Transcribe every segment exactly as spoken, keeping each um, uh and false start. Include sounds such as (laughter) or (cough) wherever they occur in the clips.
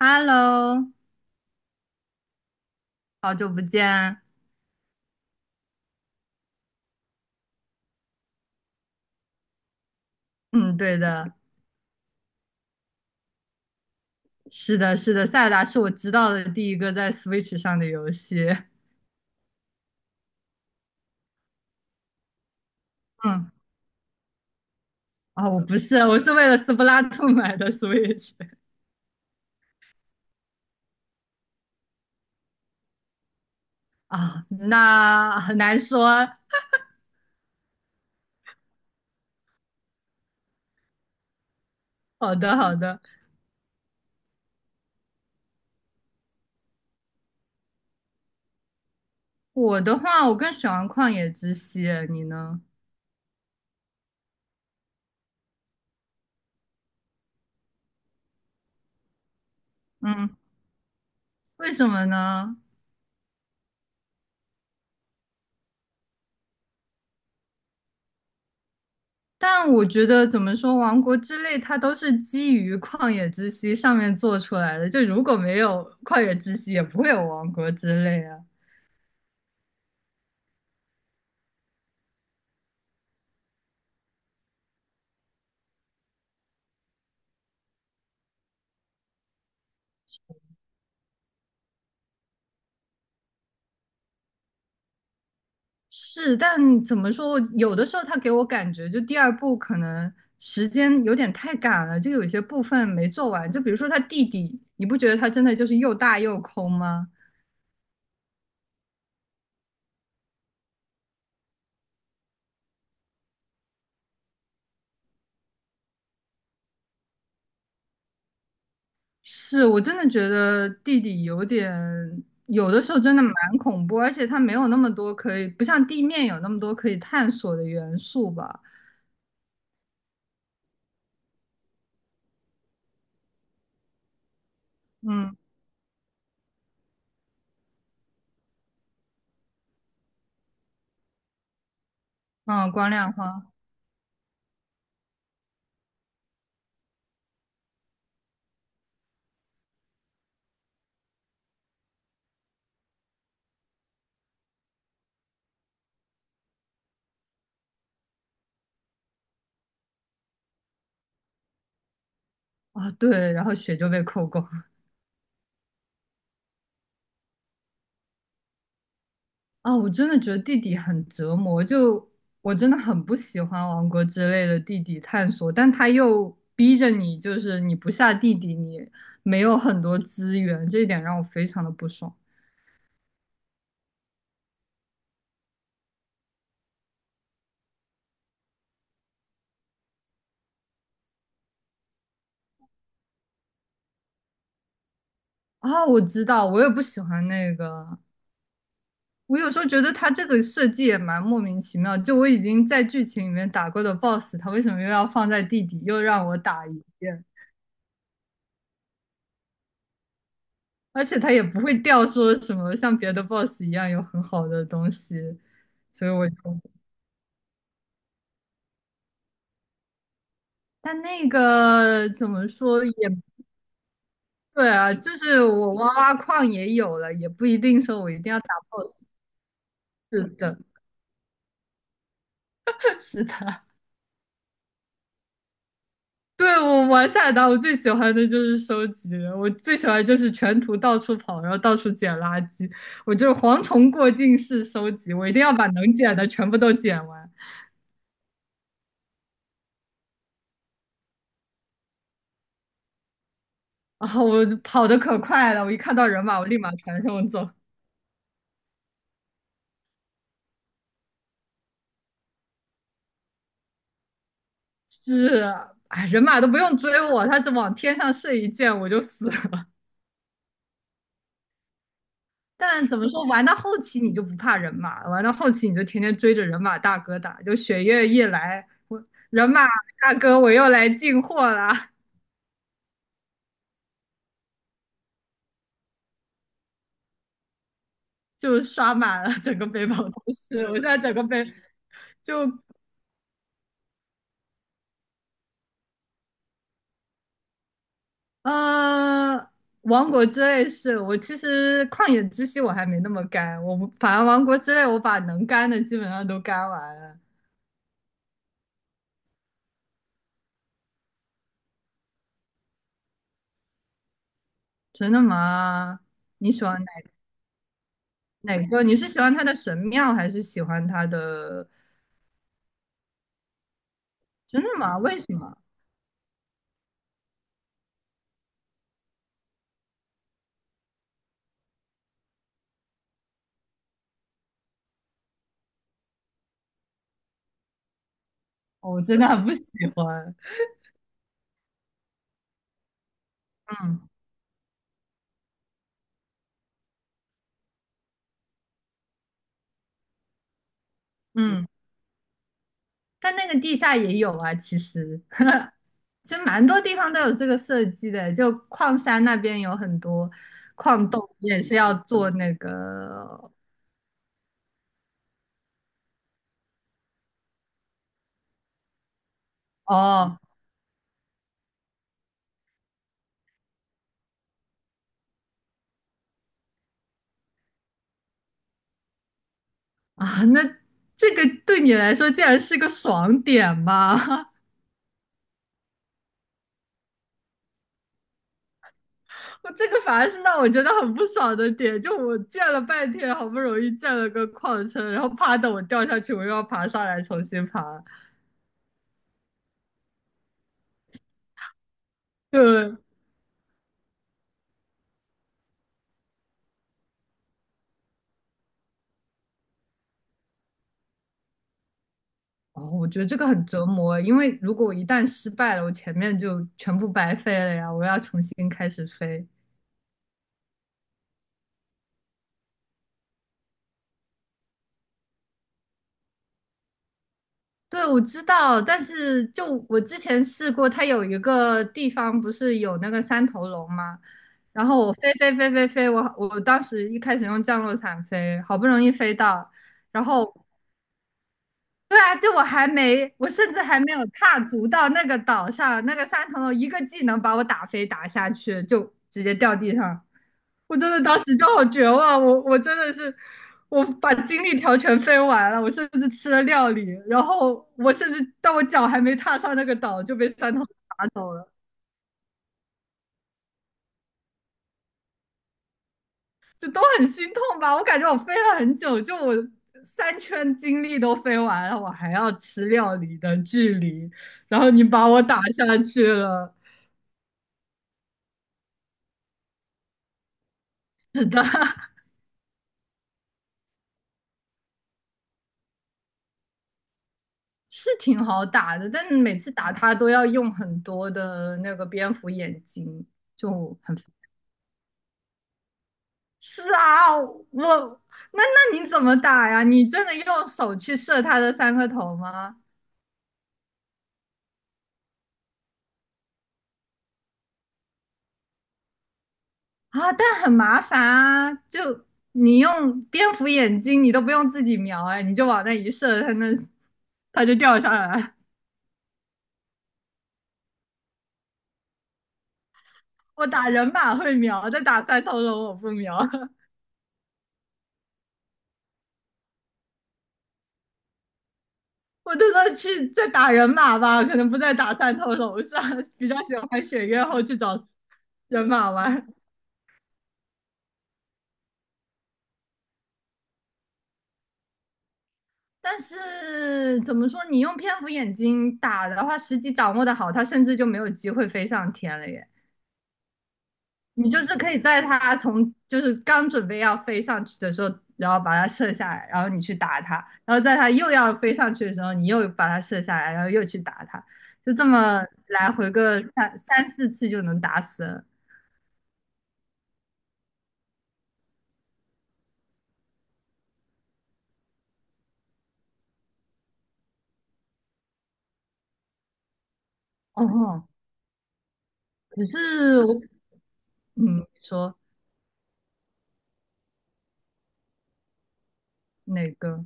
Hello，好久不见。嗯，对的。是的，是的，塞尔达是我知道的第一个在 Switch 上的游戏。嗯，啊、我不是，我是为了斯普拉遁买的 Switch。 (laughs) 啊，那很难说。好的，好的。我的话，我更喜欢旷野之息，你呢？嗯，为什么呢？但我觉得怎么说，王国之泪它都是基于旷野之息上面做出来的，就如果没有旷野之息，也不会有王国之泪啊。是，但怎么说，有的时候他给我感觉，就第二部可能时间有点太赶了，就有些部分没做完。就比如说他弟弟，你不觉得他真的就是又大又空吗？是我真的觉得弟弟有点，有的时候真的蛮恐怖，而且他没有那么多可以，不像地面有那么多可以探索的元素吧。嗯嗯，光亮花。啊，对，然后血就被扣光。啊，我真的觉得地底很折磨，就我真的很不喜欢王国之类的地底探索，但他又逼着你，就是你不下地底，你没有很多资源，这一点让我非常的不爽。啊，我知道，我也不喜欢那个。我有时候觉得他这个设计也蛮莫名其妙，就我已经在剧情里面打过的 B O S S，他为什么又要放在地底，又让我打一遍？而且他也不会掉说什么像别的 B O S S 一样有很好的东西，所以我就。但那个怎么说也对啊，就是我挖挖矿也有了，也不一定说我一定要打 B O S S。是的，(laughs) 是的。(laughs) 对，我玩塞尔达，我最喜欢的就是收集了，我最喜欢就是全图到处跑，然后到处捡垃圾，我就是蝗虫过境式收集，我一定要把能捡的全部都捡完。然后我就跑得可快了，我一看到人马，我立马传送走。是啊，哎，人马都不用追我，他只往天上射一箭，我就死了。但怎么说，玩到后期你就不怕人马，玩到后期你就天天追着人马大哥打，就雪月一来，我人马大哥我又来进货啦，就刷满了整个背包都是。我现在整个背就呃，王国之泪是我其实旷野之息我还没那么干，我不反正王国之泪我把能干的基本上都干完了。真的吗？你喜欢哪哪个？你是喜欢他的神庙还是喜欢他的？真的吗？为什么？我真的很不喜欢。嗯嗯，但那个地下也有啊，其实 (laughs) 其实蛮多地方都有这个设计的，就矿山那边有很多矿洞也是要做那个。哦啊，那这个对你来说竟然是个爽点吗？(laughs) 我这个反而是让我觉得很不爽的点，就我建了半天，好不容易建了个矿车，然后啪的我掉下去，我又要爬上来重新爬。(laughs) 对。哦，我觉得这个很折磨，因为如果我一旦失败了，我前面就全部白费了呀，我要重新开始飞。对，我知道，但是就我之前试过，它有一个地方不是有那个三头龙吗？然后我飞飞飞飞飞，我我当时一开始用降落伞飞，好不容易飞到，然后对啊，就我还没，我甚至还没有踏足到那个岛上，那个三层楼一个技能把我打飞打下去，就直接掉地上。我真的当时就好绝望，我我真的是，我把精力条全飞完了，我甚至吃了料理，然后我甚至到我脚还没踏上那个岛就被三头打走了，就都很心痛吧。我感觉我飞了很久，就我三圈精力都飞完了，我还要吃料理的距离，然后你把我打下去了。是的，(laughs) 是挺好打的，但每次打他都要用很多的那个蝙蝠眼睛，就很。是啊，我那那你怎么打呀？你真的用手去射他的三个头吗？啊，但很麻烦啊，就你用蝙蝠眼睛，你都不用自己瞄，哎，你就往那一射，他那他就掉下来。(laughs) 我打人马会瞄，但打三头龙我不瞄。我真的去在打人马吧，可能不在打三头龙上，(laughs) 比较喜欢选月后去找人马玩。但是怎么说，你用蝙蝠眼睛打的话，时机掌握的好，它甚至就没有机会飞上天了耶。你就是可以在它从就是刚准备要飞上去的时候，然后把它射下来，然后你去打它，然后在它又要飞上去的时候，你又把它射下来，然后又去打它，就这么来回个三三四次就能打死了。哦，可是我，嗯，说哪个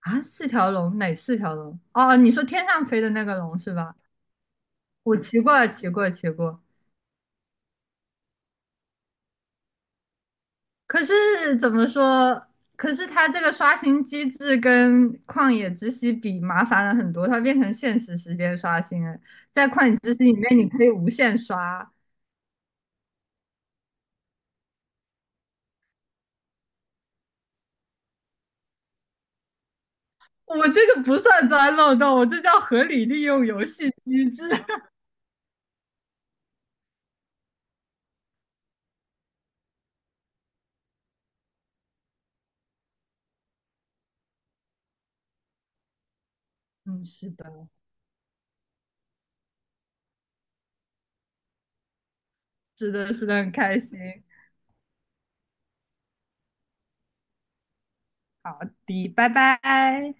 啊？四条龙哪四条龙？哦，你说天上飞的那个龙是吧？我骑过，骑过，骑过。可是怎么说？可是它这个刷新机制跟旷野之息比麻烦了很多，它变成限时时间刷新了。在旷野之息里面，你可以无限刷。我这个不算钻漏洞，我这叫合理利用游戏机制。(laughs) 嗯，是的，是的，是的，很开心。好的，拜拜。